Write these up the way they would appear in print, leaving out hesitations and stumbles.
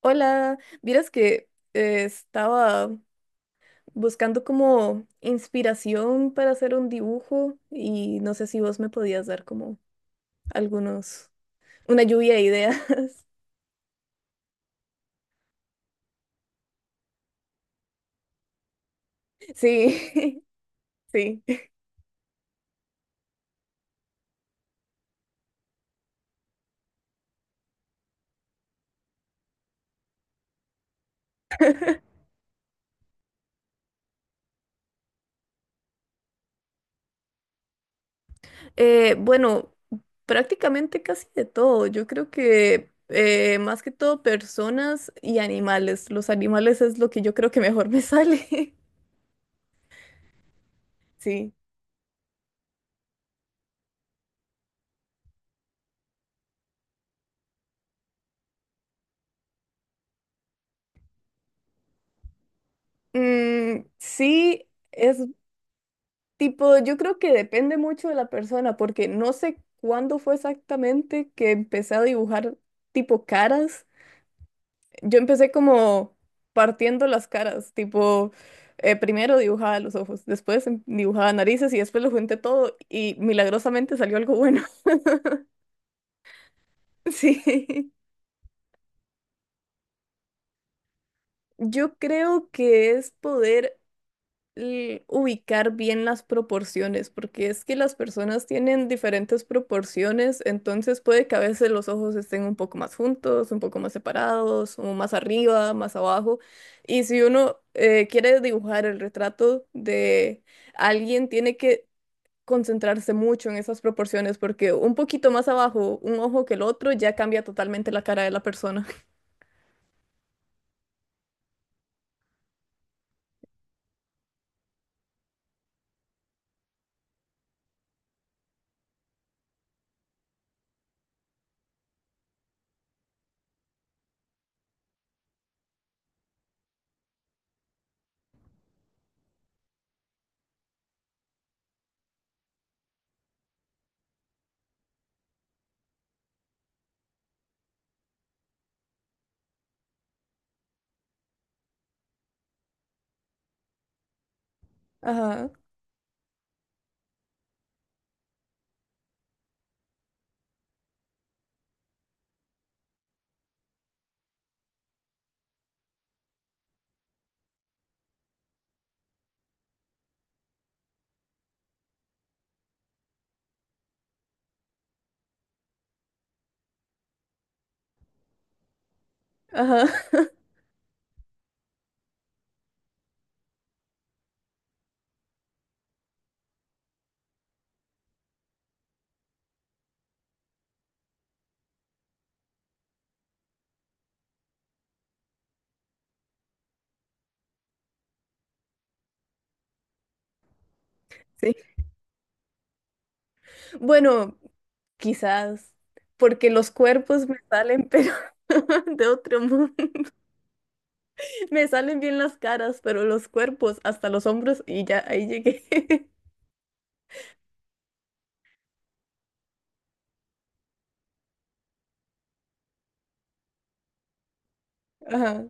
Hola, vieras que estaba buscando como inspiración para hacer un dibujo y no sé si vos me podías dar como algunos, una lluvia de ideas. Sí, sí. Bueno, prácticamente casi de todo. Yo creo que más que todo personas y animales. Los animales es lo que yo creo que mejor me sale. Sí. Mm, sí. es Tipo, yo creo que depende mucho de la persona, porque no sé cuándo fue exactamente que empecé a dibujar tipo caras. Yo empecé como partiendo las caras, tipo, primero dibujaba los ojos, después dibujaba narices y después lo junté todo y milagrosamente salió algo bueno. Sí, yo creo que es poder ubicar bien las proporciones, porque es que las personas tienen diferentes proporciones, entonces puede que a veces los ojos estén un poco más juntos, un poco más separados, o más arriba, más abajo. Y si uno quiere dibujar el retrato de alguien, tiene que concentrarse mucho en esas proporciones, porque un poquito más abajo, un ojo que el otro, ya cambia totalmente la cara de la persona. Ajá, ajá. Sí. Bueno, quizás, porque los cuerpos me salen, pero de otro mundo. Me salen bien las caras, pero los cuerpos hasta los hombros y ya ahí llegué. Ajá.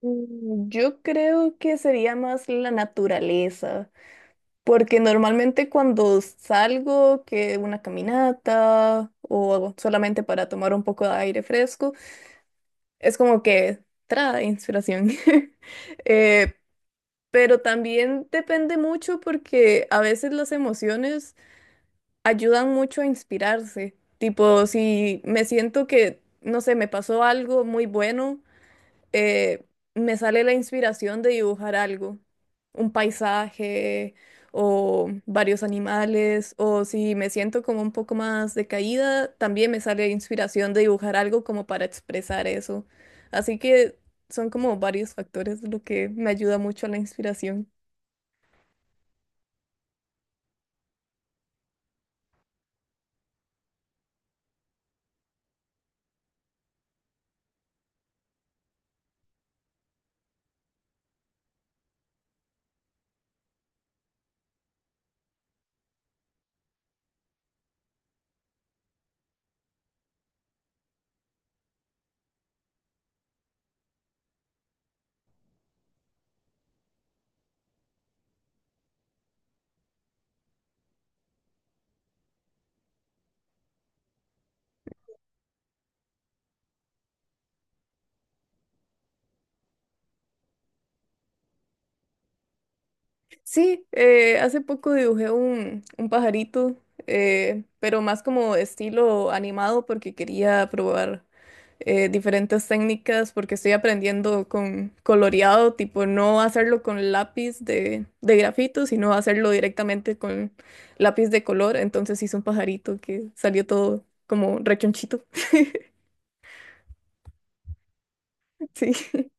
Mm, yo creo que sería más la naturaleza, porque normalmente cuando salgo, que una caminata o algo solamente para tomar un poco de aire fresco, es como que trae inspiración. Eh, pero también depende mucho porque a veces las emociones ayudan mucho a inspirarse. Tipo, si me siento que, no sé, me pasó algo muy bueno, eh, me sale la inspiración de dibujar algo, un paisaje o varios animales, o si me siento como un poco más decaída, también me sale la inspiración de dibujar algo como para expresar eso. Así que son como varios factores lo que me ayuda mucho a la inspiración. Sí, hace poco dibujé un pajarito, pero más como estilo animado porque quería probar diferentes técnicas porque estoy aprendiendo con coloreado, tipo no hacerlo con lápiz de grafito, sino hacerlo directamente con lápiz de color. Entonces hice un pajarito que salió todo como rechonchito. Sí,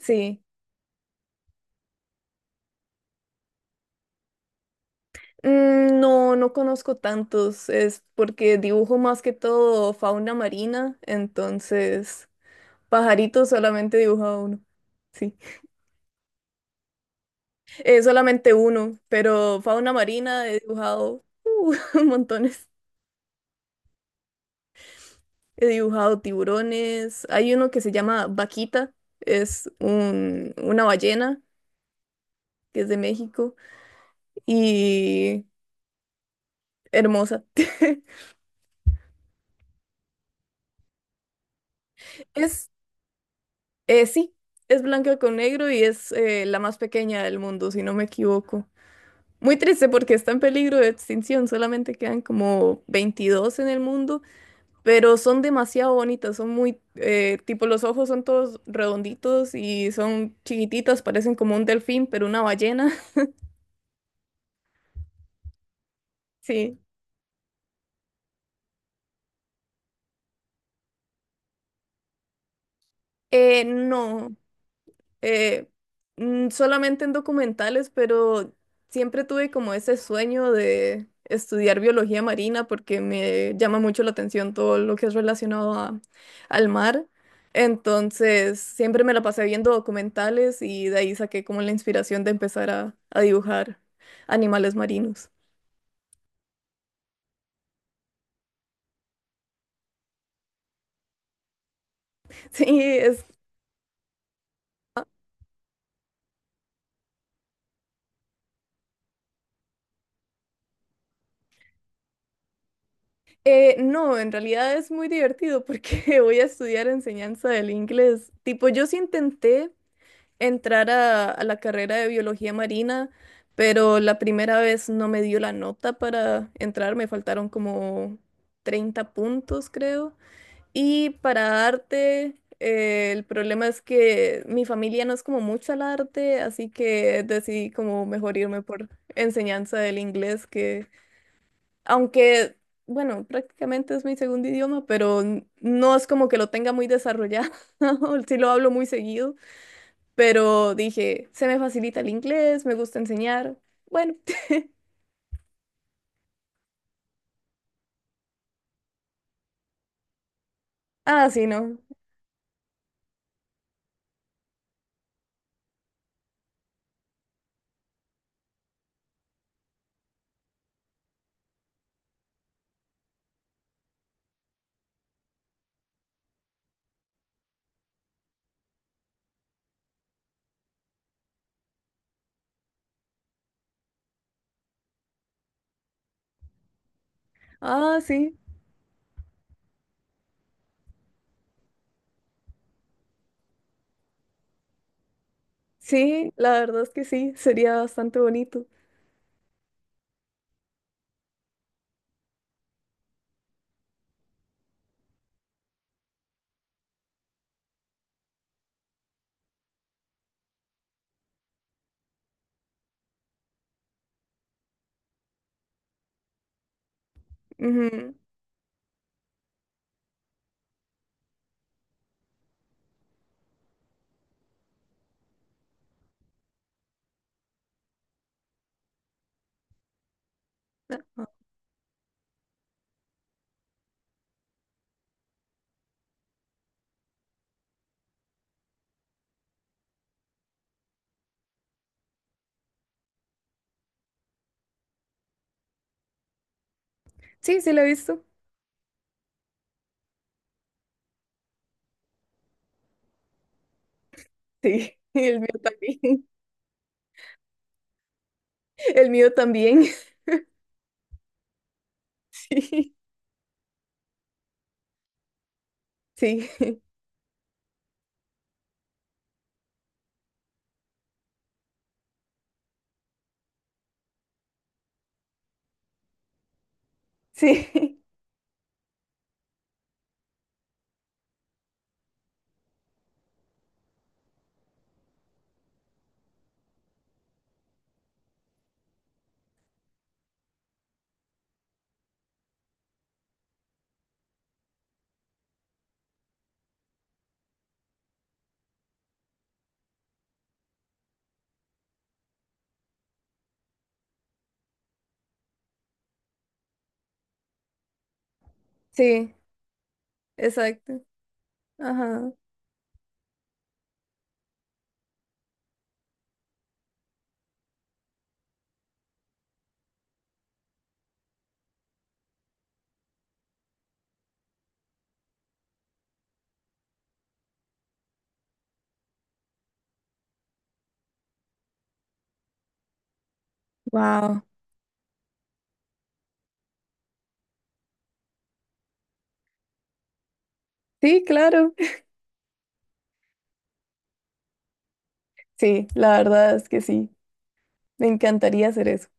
sí. Mm, no, no conozco tantos, es porque dibujo más que todo fauna marina, entonces pajaritos solamente he dibujado uno, sí, solamente uno, pero fauna marina he dibujado montones, he dibujado tiburones, hay uno que se llama Vaquita, una ballena que es de México y hermosa, es, sí, es blanca con negro y es la más pequeña del mundo, si no me equivoco. Muy triste porque está en peligro de extinción, solamente quedan como 22 en el mundo, pero son demasiado bonitas, son muy, tipo los ojos son todos redonditos y son chiquititas, parecen como un delfín, pero una ballena, sí. No, eh, mm, solamente en documentales, pero siempre tuve como ese sueño de estudiar biología marina porque me llama mucho la atención todo lo que es relacionado al mar. Entonces, siempre me la pasé viendo documentales y de ahí saqué como la inspiración de empezar a dibujar animales marinos. Sí, es... no, en realidad es muy divertido porque voy a estudiar enseñanza del inglés. Tipo, yo sí intenté entrar a la carrera de biología marina, pero la primera vez no me dio la nota para entrar, me faltaron como 30 puntos, creo. Y para arte, el problema es que mi familia no es como mucho al arte, así que decidí como mejor irme por enseñanza del inglés, que aunque... Bueno, prácticamente es mi segundo idioma, pero no es como que lo tenga muy desarrollado. Sí lo hablo muy seguido, pero dije, se me facilita el inglés, me gusta enseñar. Bueno, ah, sí, no. Ah, sí, sí, la verdad es que sí, sería bastante bonito. Ujú. Ajá. Sí, sí, lo he visto. Sí, el mío también. El mío también. Sí, sí, sí, sí, exacto. Ajá. Wow. Sí, claro. Sí, la verdad es que sí. Me encantaría hacer eso.